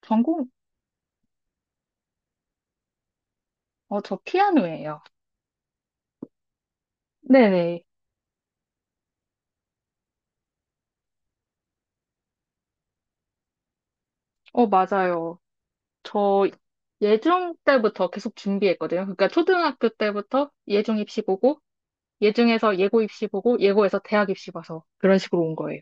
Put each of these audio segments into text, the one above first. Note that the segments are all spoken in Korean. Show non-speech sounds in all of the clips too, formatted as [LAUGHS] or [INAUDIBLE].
전공, 저 피아노예요. 네네. 맞아요. 저 예중 때부터 계속 준비했거든요. 그러니까 초등학교 때부터 예중 입시 보고, 예중에서 예고 입시 보고, 예고에서 대학 입시 봐서 그런 식으로 온 거예요.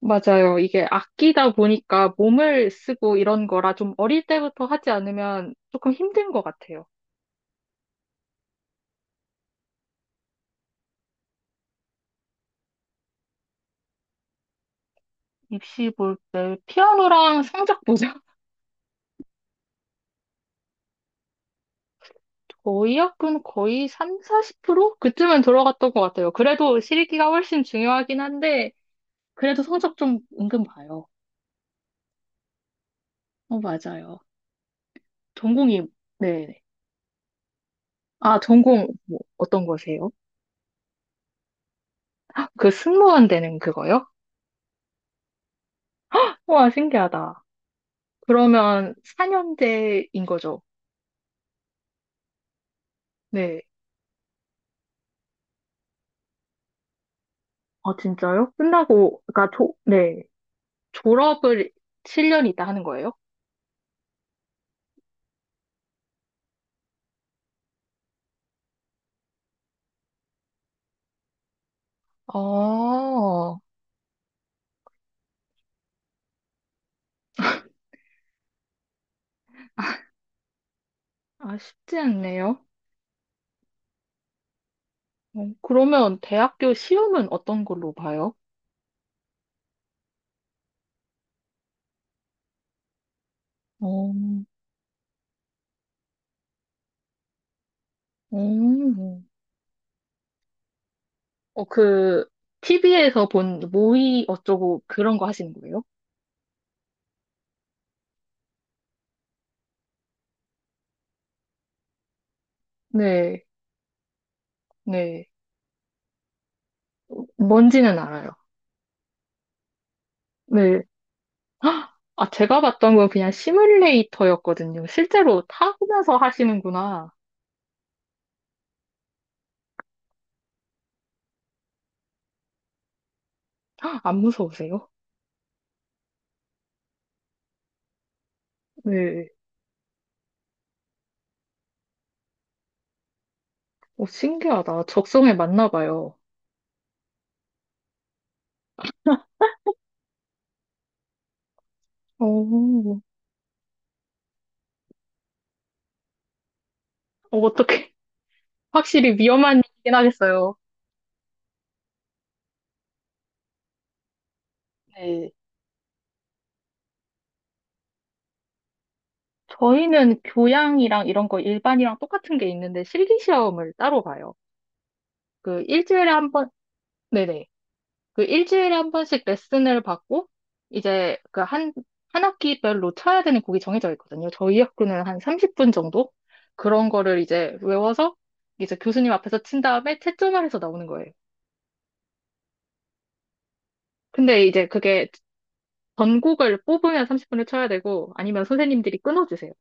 맞아요. 이게 악기다 보니까 몸을 쓰고 이런 거라 좀 어릴 때부터 하지 않으면 조금 힘든 것 같아요. 입시 볼 때 피아노랑 성적 보죠. [LAUGHS] 거의 학군 거의 3, 40% 그쯤은 들어갔던 것 같아요. 그래도 실기가 훨씬 중요하긴 한데, 그래도 성적 좀 은근 봐요. 맞아요. 전공이, 네네. 아, 전공, 뭐, 어떤 거세요? 그 승무원 되는 그거요? 와, 신기하다. 그러면 4년제인 거죠? 네. 아, 진짜요? 끝나고, 그러니까, 네. 졸업을 7년 있다 하는 거예요? 아, 아, 쉽지 않네요. 그러면 대학교 시험은 어떤 걸로 봐요? 어, 어. 어, 그, TV에서 본 모의 어쩌고 그런 거 하시는 거예요? 네, 네. 뭔지는 알아요. 네. 헉! 아, 제가 봤던 건 그냥 시뮬레이터였거든요. 실제로 타면서 하시는구나. 안 무서우세요? 네. 오 신기하다. 적성에 맞나 봐요. 어, 어, 떻게 [LAUGHS] 확실히 위험한 일이긴 하겠어요. 네. 저희는 교양이랑 이런 거 일반이랑 똑같은 게 있는데 실기 시험을 따로 봐요. 그 일주일에 한 번, 네네. 그 일주일에 한 번씩 레슨을 받고 이제 그 한 학기별로 쳐야 되는 곡이 정해져 있거든요. 저희 학교는 한 30분 정도? 그런 거를 이제 외워서 이제 교수님 앞에서 친 다음에 채점을 해서 나오는 거예요. 근데 이제 그게 전곡을 뽑으면 30분을 쳐야 되고 아니면 선생님들이 끊어주세요.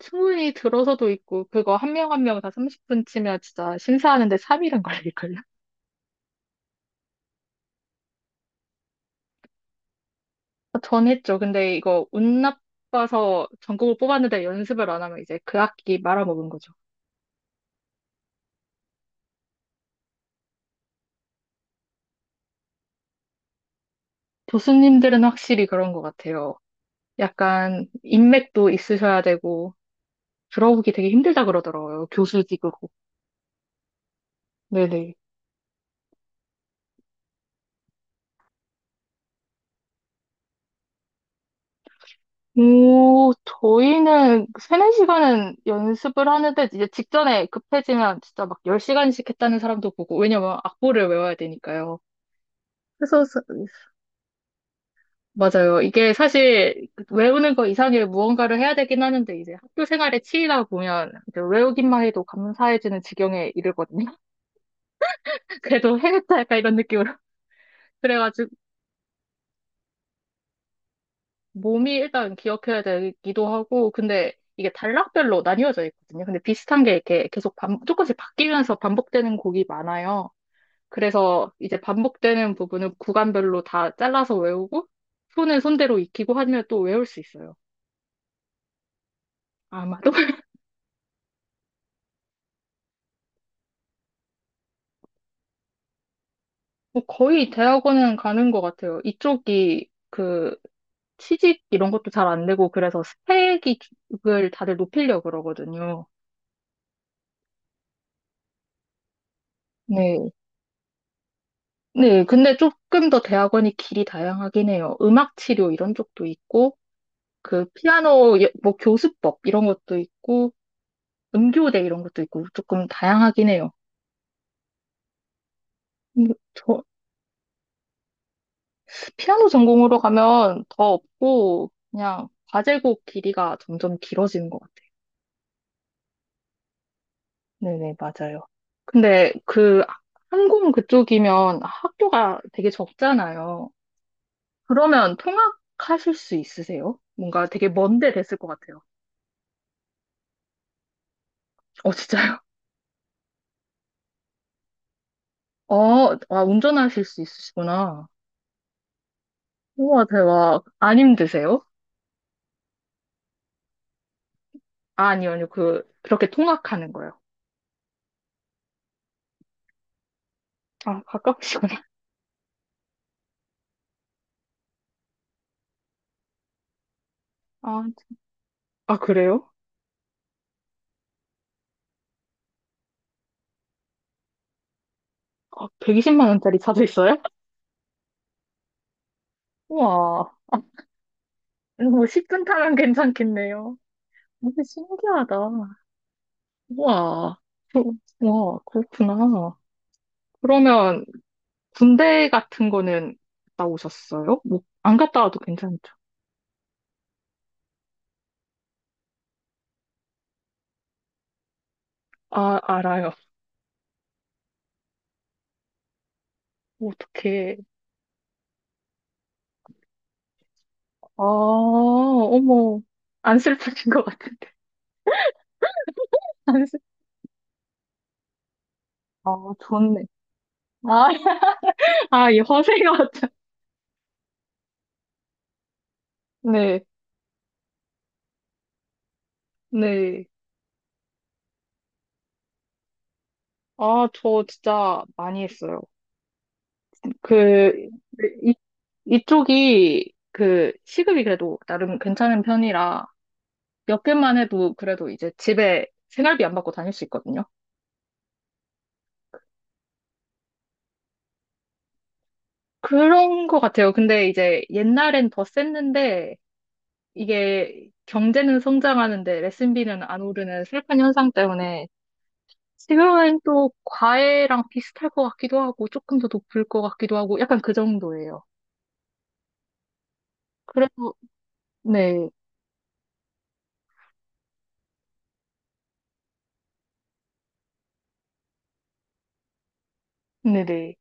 충분히 들어서도 있고 그거 한 명 한 명 다 30분 치면 진짜 심사하는데 3일은 걸릴걸요? 전 했죠. 근데 이거 운 나빠서 전곡을 뽑았는데 연습을 안 하면 이제 그 학기 말아먹은 거죠. 교수님들은 확실히 그런 것 같아요. 약간 인맥도 있으셔야 되고 들어오기 되게 힘들다 그러더라고요. 교수직으로. 네네. 오, 저희는 세네 시간은 연습을 하는데 이제 직전에 급해지면 진짜 막 10시간씩 했다는 사람도 보고 왜냐면 악보를 외워야 되니까요. 그래서 사- 맞아요. 이게 사실 외우는 거 이상의 무언가를 해야 되긴 하는데 이제 학교 생활에 치이다 보면 이제 외우기만 해도 감사해지는 지경에 이르거든요. [LAUGHS] 그래도 해냈다 약간 이런 느낌으로. 그래가지고 몸이 일단 기억해야 되기도 하고, 근데 이게 단락별로 나뉘어져 있거든요. 근데 비슷한 게 이렇게 계속 조금씩 바뀌면서 반복되는 곡이 많아요. 그래서 이제 반복되는 부분은 구간별로 다 잘라서 외우고, 손은 손대로 익히고 하면 또 외울 수 있어요. 아마도. [LAUGHS] 뭐 거의 대학원은 가는 것 같아요. 이쪽이 그 취직 이런 것도 잘 안 되고, 그래서 스펙을 다들 높이려고 그러거든요. 네. 네, 근데 조금 더 대학원이 길이 다양하긴 해요. 음악 치료 이런 쪽도 있고, 그 피아노 뭐 교수법 이런 것도 있고, 음교대 이런 것도 있고 조금 다양하긴 해요. 근데 피아노 전공으로 가면 더 없고 그냥 과제곡 길이가 점점 길어지는 것 같아요. 네네, 맞아요. 근데 그 항공 그쪽이면 학교가 되게 적잖아요. 그러면 통학하실 수 있으세요? 뭔가 되게 먼데 됐을 것 같아요. 진짜요? 운전하실 수 있으시구나. 우와, 대박. 안 힘드세요? 아, 아니요, 아니요. 그렇게 통학하는 거요. 아, 가까우시구나. 아, 아, 그래요? 아, 120만 원짜리 차도 있어요? 우와. 뭐, 10분 타면 괜찮겠네요. 되게 신기하다. 우와. 우와, 그렇구나. 그러면, 군대 같은 거는 갔다 오셨어요? 뭐, 안 갔다 와도 괜찮죠? 아, 알아요. 어떻게, 아, 어머. 안 슬프신 것 같아. 아, 좋네. 아, [LAUGHS] 아, 이 허세가 참- 네, 네. 아, 저 진짜 많이 했어요. 그, 이, 이쪽이 그 시급이 그래도 나름 괜찮은 편이라 몇 개만 해도 그래도 이제 집에 생활비 안 받고 다닐 수 있거든요. 그런 것 같아요. 근데 이제 옛날엔 더 셌는데 이게 경제는 성장하는데 레슨비는 안 오르는 슬픈 현상 때문에 지금은 또 과외랑 비슷할 것 같기도 하고, 조금 더 높을 것 같기도 하고, 약간 그 정도예요. 그래서, 네, 네네.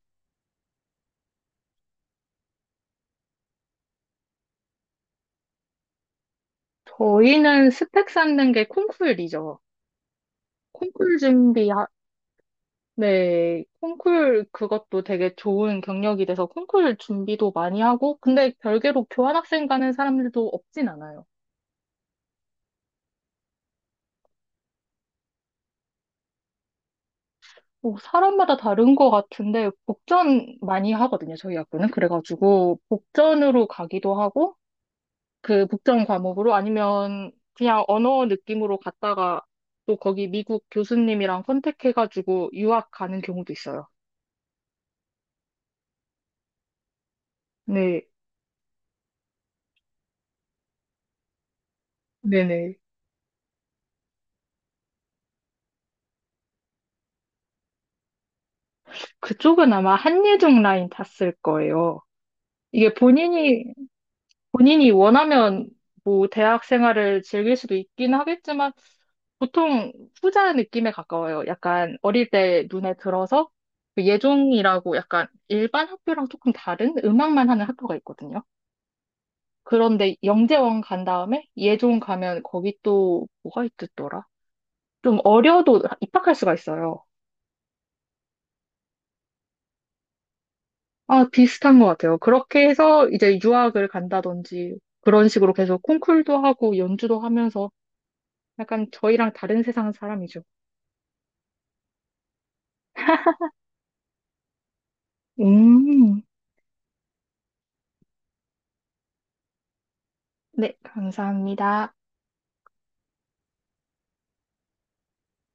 저희는 스펙 쌓는 게 콩쿨이죠. 콩쿨 준비, 하 네, 콩쿨 그것도 되게 좋은 경력이 돼서 콩쿨 준비도 많이 하고, 근데 별개로 교환학생 가는 사람들도 없진 않아요. 뭐 사람마다 다른 것 같은데, 복전 많이 하거든요, 저희 학교는. 그래가지고, 복전으로 가기도 하고, 그 국정 과목으로 아니면 그냥 언어 느낌으로 갔다가 또 거기 미국 교수님이랑 컨택해가지고 유학 가는 경우도 있어요. 네, 네네. 그쪽은 아마 한예종 라인 탔을 거예요. 이게 본인이 원하면 뭐 대학 생활을 즐길 수도 있긴 하겠지만 보통 후자 느낌에 가까워요. 약간 어릴 때 눈에 들어서 그 예종이라고 약간 일반 학교랑 조금 다른 음악만 하는 학교가 있거든요. 그런데 영재원 간 다음에 예종 가면 거기 또 뭐가 있더라? 좀 어려도 입학할 수가 있어요. 아, 비슷한 것 같아요. 그렇게 해서 이제 유학을 간다든지 그런 식으로 계속 콩쿨도 하고 연주도 하면서 약간 저희랑 다른 세상 사람이죠. 음, 네, 감사합니다.